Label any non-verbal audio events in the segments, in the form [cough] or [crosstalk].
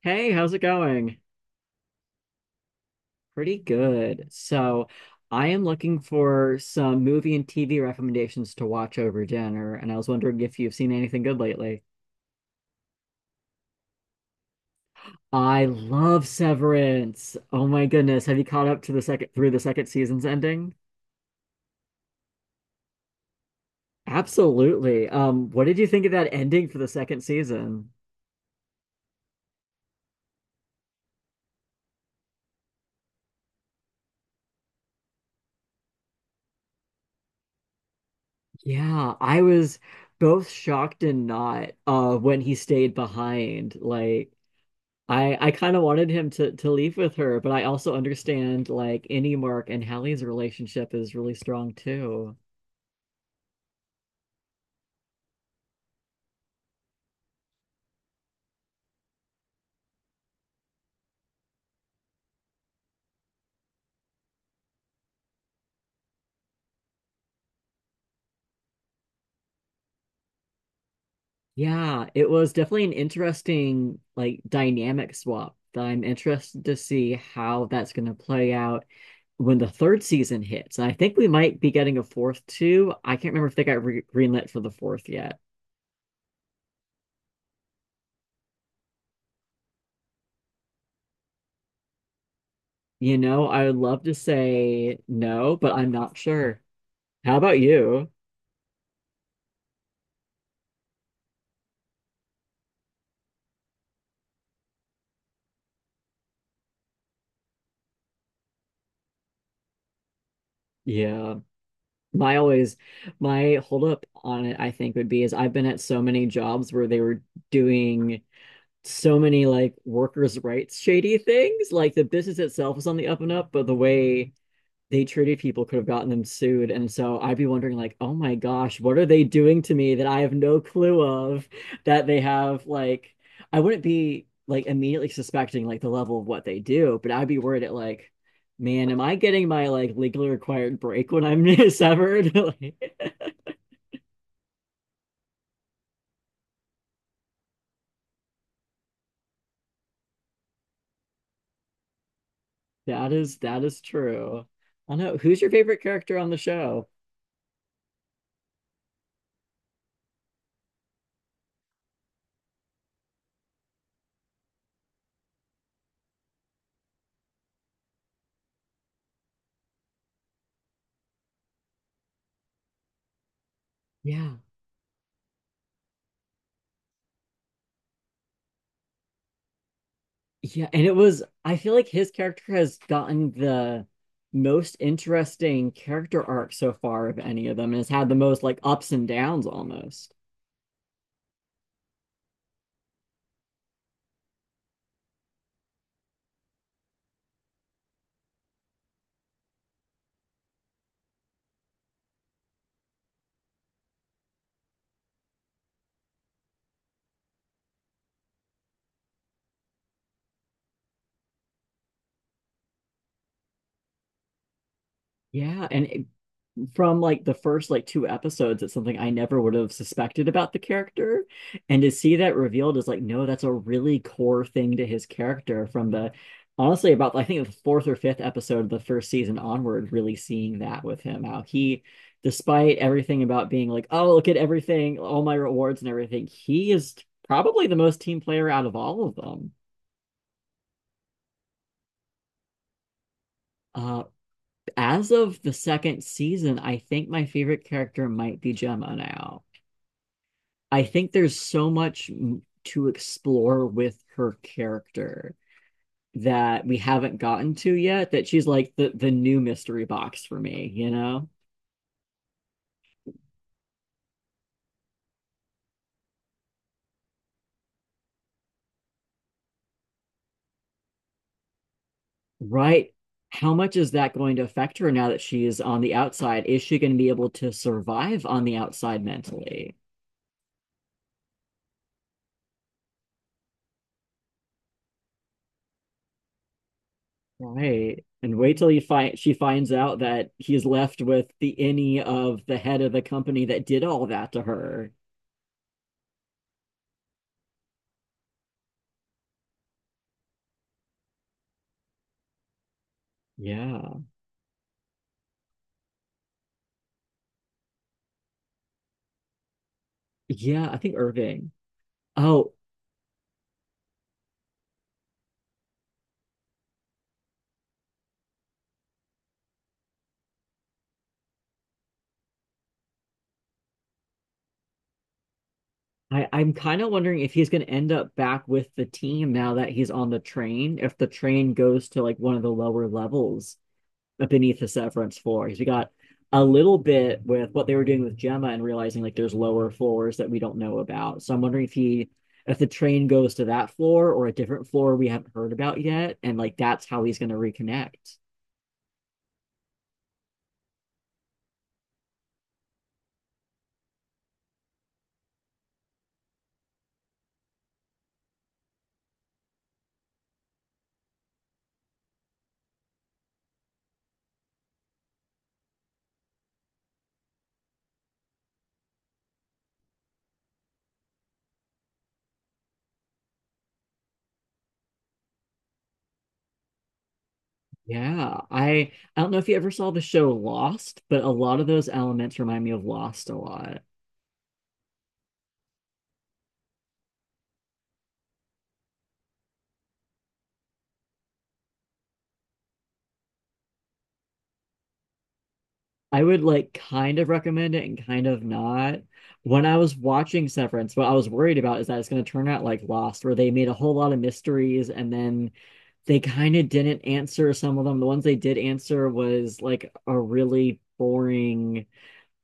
Hey, how's it going? Pretty good. I am looking for some movie and TV recommendations to watch over dinner, and I was wondering if you've seen anything good lately. I love Severance. Oh my goodness, have you caught up to the second through the second season's ending? Absolutely. What did you think of that ending for the second season? Yeah, I was both shocked and not when he stayed behind. Like I kind of wanted him to leave with her, but I also understand like any Mark and Hallie's relationship is really strong too. Yeah, it was definitely an interesting like dynamic swap that I'm interested to see how that's going to play out when the third season hits. I think we might be getting a fourth too. I can't remember if they got re greenlit for the fourth yet. You know, I would love to say no, but I'm not sure. How about you? Yeah. My always, my hold up on it, I think, would be is I've been at so many jobs where they were doing so many like workers' rights shady things. Like the business itself was on the up and up, but the way they treated people could have gotten them sued. And so I'd be wondering, like, oh my gosh, what are they doing to me that I have no clue of that they have like I wouldn't be like immediately suspecting like the level of what they do, but I'd be worried at like, man, am I getting my like legally required break when I'm [laughs] severed? [laughs] Like, that is true. I don't know. Who's your favorite character on the show? Yeah. Yeah, and it was, I feel like his character has gotten the most interesting character arc so far of any of them and has had the most like ups and downs almost. Yeah, and it, from like the first like two episodes it's something I never would have suspected about the character and to see that revealed is like no that's a really core thing to his character from the honestly about I think the fourth or fifth episode of the first season onward really seeing that with him how he despite everything about being like oh look at everything all my rewards and everything he is probably the most team player out of all of them. uh as of the second season I think my favorite character might be Gemma now. I think there's so much to explore with her character that we haven't gotten to yet that she's like the new mystery box for me, you know? Right? How much is that going to affect her now that she is on the outside? Is she going to be able to survive on the outside mentally? Right. And wait till you find she finds out that he's left with the innie of the head of the company that did all that to her. Yeah. Yeah, I think Irving. Oh, I'm kind of wondering if he's going to end up back with the team now that he's on the train, if the train goes to like one of the lower levels beneath the Severance floor. Because we got a little bit with what they were doing with Gemma and realizing like there's lower floors that we don't know about. So I'm wondering if the train goes to that floor or a different floor we haven't heard about yet. And like that's how he's going to reconnect. Yeah. I don't know if you ever saw the show Lost, but a lot of those elements remind me of Lost a lot. I would like kind of recommend it and kind of not. When I was watching Severance, what I was worried about is that it's going to turn out like Lost, where they made a whole lot of mysteries and then they kind of didn't answer some of them. The ones they did answer was like a really boring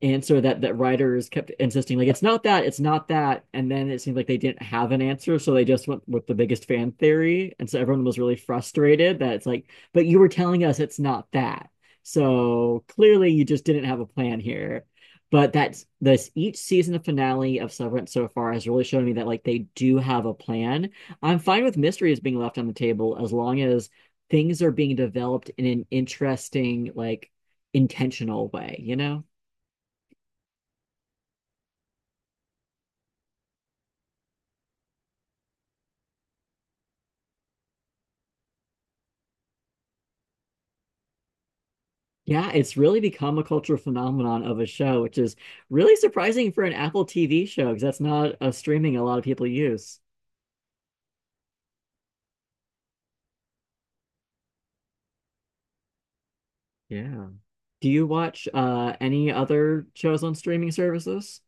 answer that writers kept insisting like it's not that and then it seemed like they didn't have an answer so they just went with the biggest fan theory and so everyone was really frustrated that it's like but you were telling us it's not that so clearly you just didn't have a plan here but that's this each season of finale of Severance so far has really shown me that like they do have a plan. I'm fine with mysteries being left on the table as long as things are being developed in an interesting like intentional way, you know. Yeah, it's really become a cultural phenomenon of a show, which is really surprising for an Apple TV show because that's not a streaming a lot of people use. Yeah. Do you watch any other shows on streaming services?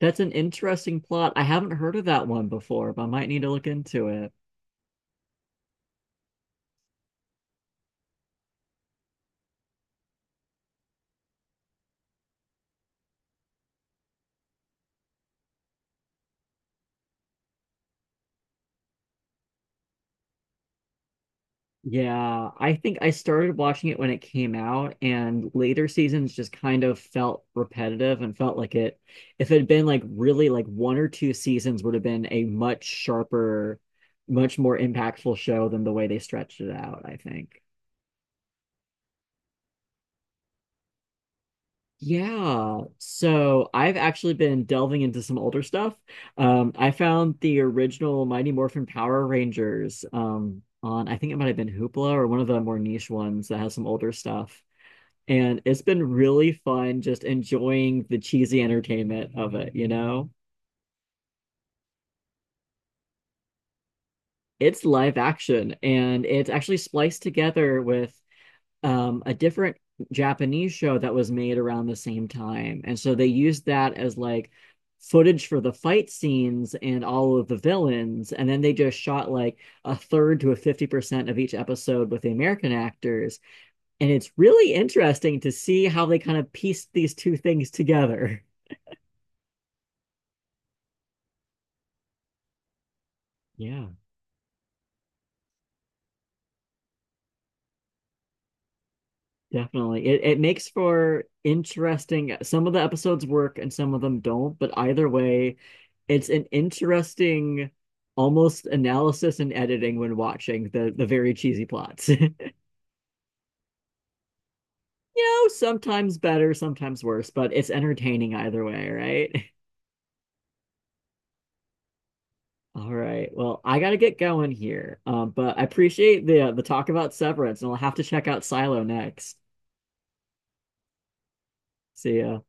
That's an interesting plot. I haven't heard of that one before, but I might need to look into it. Yeah, I think I started watching it when it came out, and later seasons just kind of felt repetitive and felt like it, if it had been like really like one or two seasons, would have been a much sharper, much more impactful show than the way they stretched it out, I think. Yeah, so I've actually been delving into some older stuff. I found the original Mighty Morphin Power Rangers on, I think it might have been Hoopla or one of the more niche ones that has some older stuff. And it's been really fun just enjoying the cheesy entertainment of it, you know? It's live action and it's actually spliced together with a different Japanese show that was made around the same time. And so they used that as like footage for the fight scenes and all of the villains. And then they just shot like a third to a 50% of each episode with the American actors. And it's really interesting to see how they kind of pieced these two things together. Yeah. Definitely. It makes for interesting. Some of the episodes work and some of them don't, but either way, it's an interesting almost analysis and editing when watching the very cheesy plots. [laughs] You know, sometimes better, sometimes worse, but it's entertaining either way, right? [laughs] All right. Well, I gotta get going here. But I appreciate the talk about Severance, and I'll have to check out Silo next. See ya.